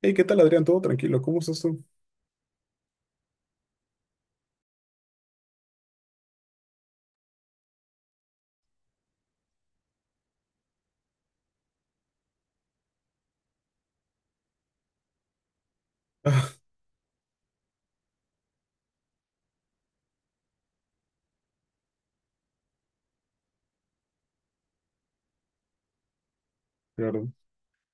Hey, ¿qué tal, Adrián? ¿Todo tranquilo? ¿Cómo estás tú? Ah, claro.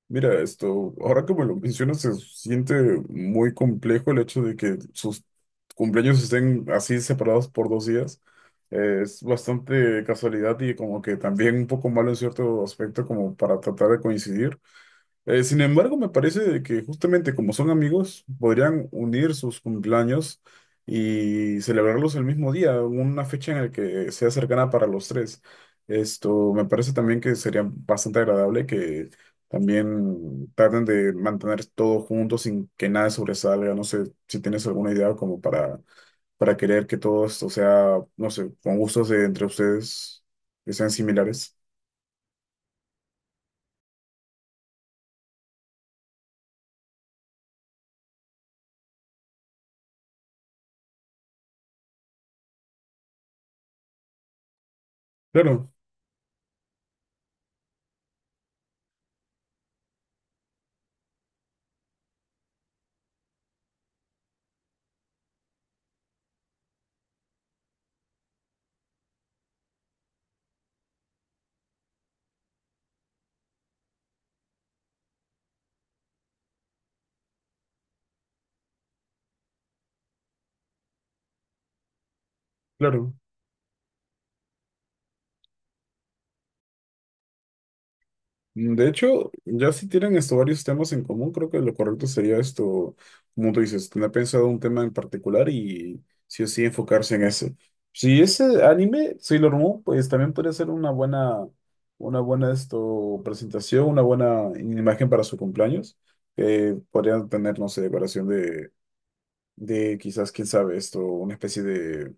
Mira, esto, ahora que me lo mencionas, se siente muy complejo el hecho de que sus cumpleaños estén así separados por dos días. Es bastante casualidad y como que también un poco malo en cierto aspecto como para tratar de coincidir. Sin embargo, me parece de que justamente como son amigos, podrían unir sus cumpleaños y celebrarlos el mismo día, una fecha en la que sea cercana para los tres. Esto me parece también que sería bastante agradable que también traten de mantener todo junto sin que nada sobresalga. No sé si tienes alguna idea como para querer que todo esto sea, no sé, con gustos de entre ustedes que sean similares. Claro, claro. De hecho, ya si tienen esto varios temas en común, creo que lo correcto sería esto, como tú dices, tener pensado un tema en particular y sí o sí enfocarse en ese. Si ese anime, Sailor Moon, pues también puede ser una buena esto, presentación, una buena imagen para su cumpleaños, que podrían tener, no sé, decoración de quizás, quién sabe, esto, una especie de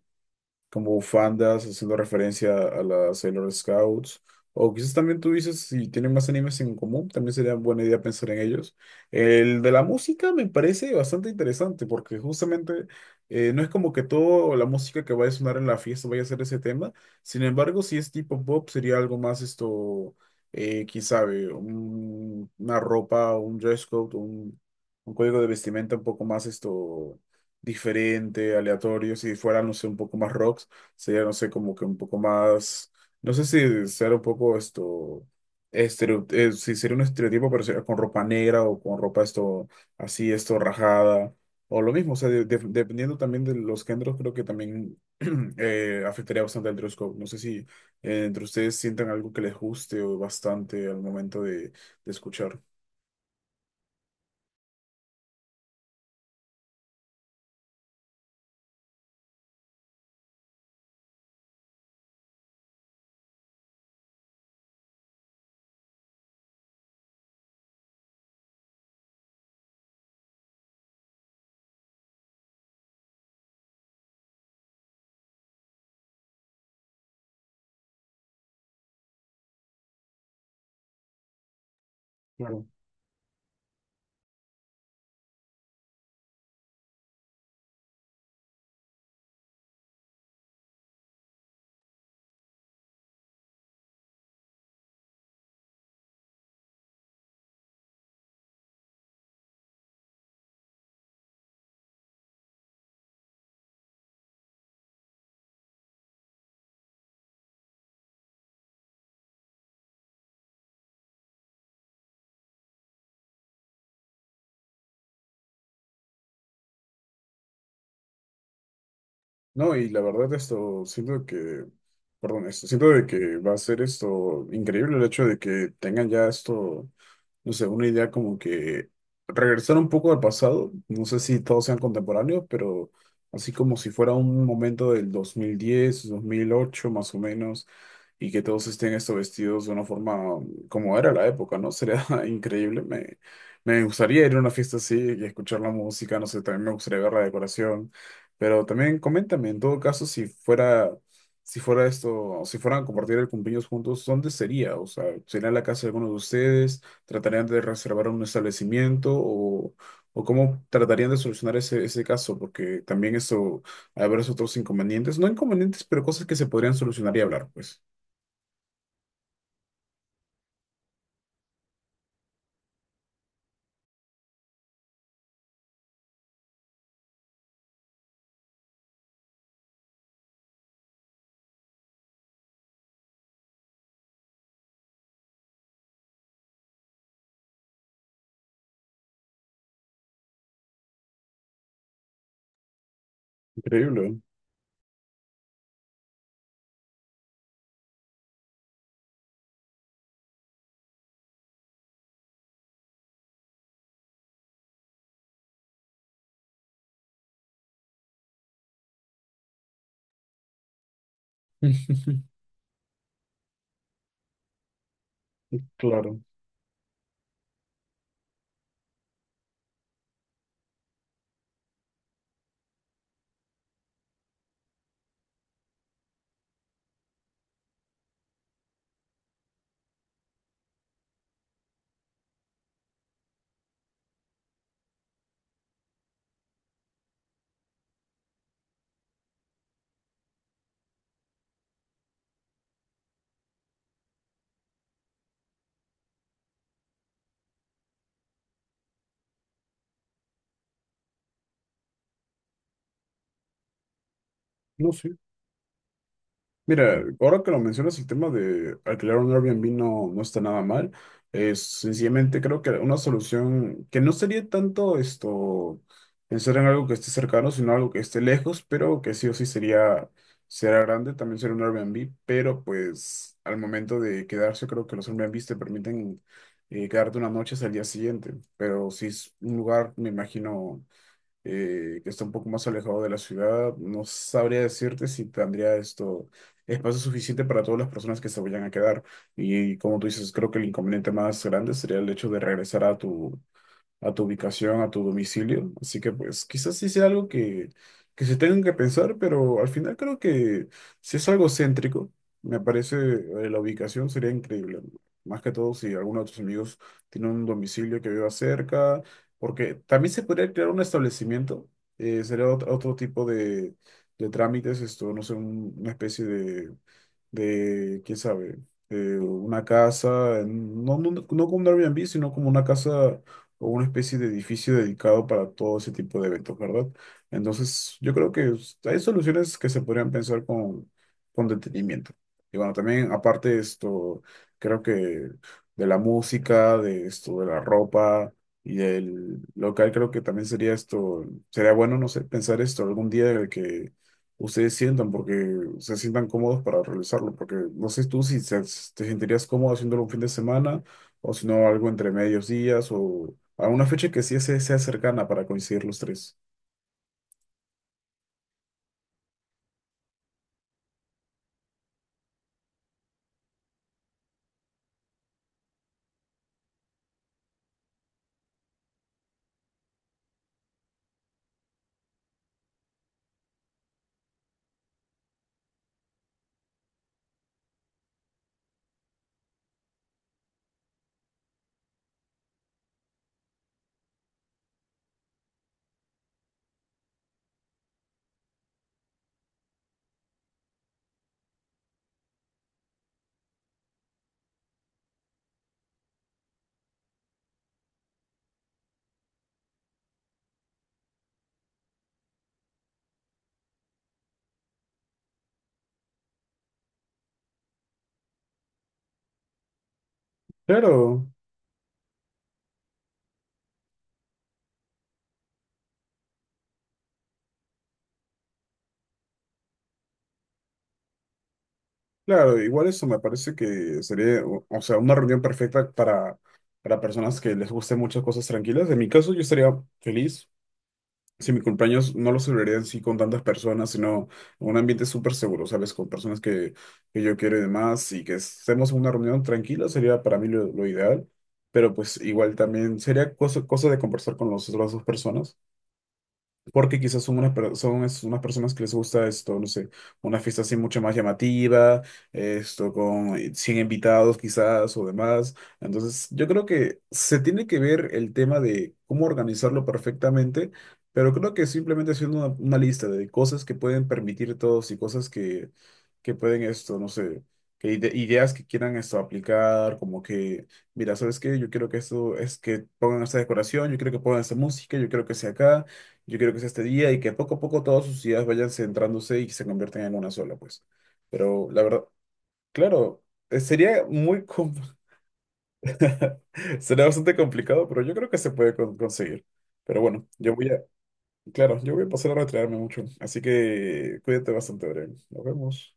como bufandas, haciendo referencia a las Sailor Scouts. O quizás también tú dices, si tienen más animes en común, también sería buena idea pensar en ellos. El de la música me parece bastante interesante, porque justamente no es como que toda la música que vaya a sonar en la fiesta vaya a ser ese tema. Sin embargo, si es tipo pop, sería algo más esto, quién sabe, una ropa, un dress code, un código de vestimenta un poco más esto diferente, aleatorio. Si fuera, no sé, un poco más rocks, sería, no sé, como que un poco más, no sé si ser un poco esto, estereo, si sería un estereotipo, pero sería con ropa negra o con ropa esto, así, esto, rajada, o lo mismo, o sea, dependiendo también de los géneros, creo que también afectaría bastante el dress code. No sé si entre ustedes sientan algo que les guste o bastante al momento de escuchar. No, y la verdad esto, siento que, perdón, esto, siento de que va a ser esto increíble el hecho de que tengan ya esto, no sé, una idea como que regresar un poco al pasado, no sé si todos sean contemporáneos, pero así como si fuera un momento del dos mil diez dos mil ocho más o menos, y que todos estén esto vestidos de una forma como era la época, ¿no? Sería increíble, me gustaría ir a una fiesta así y escuchar la música, no sé, también me gustaría ver la decoración. Pero también coméntame, en todo caso, si fuera, si fuera esto, si fueran a compartir el cumpleaños juntos, ¿dónde sería? O sea, ¿sería en la casa de alguno de ustedes? ¿Tratarían de reservar un establecimiento? O cómo tratarían de solucionar ese, ese caso? Porque también eso, habrá esos otros inconvenientes, no inconvenientes, pero cosas que se podrían solucionar y hablar, pues. Increíble. Claro. No, sí. Mira, ahora que lo mencionas, el tema de alquilar un Airbnb no, no está nada mal. Es sencillamente creo que una solución que no sería tanto esto pensar en algo que esté cercano, sino algo que esté lejos, pero que sí o sí sería, será grande, también sería un Airbnb, pero pues al momento de quedarse, creo que los Airbnb te permiten quedarte una noche hasta el día siguiente. Pero si es un lugar, me imagino que está un poco más alejado de la ciudad. No sabría decirte si tendría esto espacio suficiente para todas las personas que se vayan a quedar. Y, como tú dices, creo que el inconveniente más grande sería el hecho de regresar a tu ubicación, a tu domicilio. Así que pues quizás sí sea algo que se tengan que pensar, pero al final creo que si es algo céntrico, me parece la ubicación sería increíble. ¿No? Más que todo si alguno de tus amigos tiene un domicilio que viva cerca, porque también se podría crear un establecimiento, sería otro, otro tipo de trámites, esto, no sé, una especie de, quién sabe, una casa, no, no, no como un Airbnb, sino como una casa o una especie de edificio dedicado para todo ese tipo de eventos, ¿verdad? Entonces, yo creo que hay soluciones que se podrían pensar con detenimiento. Y bueno, también aparte de esto, creo que de la música, de esto, de la ropa y del local, creo que también sería esto, sería bueno, no sé, pensar esto algún día de que ustedes sientan, porque se sientan cómodos para realizarlo, porque no sé tú si si te sentirías cómodo haciéndolo un fin de semana o si no algo entre medios días o a una fecha que sí sea cercana para coincidir los tres. Claro, claro, igual eso me parece que sería, o sea, una reunión perfecta para personas que les gusten muchas cosas tranquilas. En mi caso yo estaría feliz. Si mi cumpleaños no lo celebraría así con tantas personas, sino en un ambiente súper seguro, ¿sabes? Con personas que yo quiero y demás, y que estemos en una reunión tranquila, sería para mí lo ideal, pero pues igual también sería cosa, cosa de conversar con las otras dos personas. Porque quizás son unas, son unas personas que les gusta esto, no sé, una fiesta así mucho más llamativa, esto con 100 invitados quizás o demás. Entonces, yo creo que se tiene que ver el tema de cómo organizarlo perfectamente, pero creo que simplemente haciendo una lista de cosas que pueden permitir todos y cosas que pueden esto, no sé, que ideas que quieran esto aplicar, como que... Mira, ¿sabes qué? Yo quiero que esto es que pongan esta decoración, yo quiero que pongan esta música, yo quiero que sea acá. Yo quiero que sea este día y que poco a poco todas sus ideas vayan centrándose y se conviertan en una sola, pues. Pero la verdad, claro, sería muy... com- Sería bastante complicado, pero yo creo que se puede conseguir. Pero bueno, yo voy a... Claro, yo voy a pasar a retirarme mucho. Así que cuídate bastante, Brian. Nos vemos.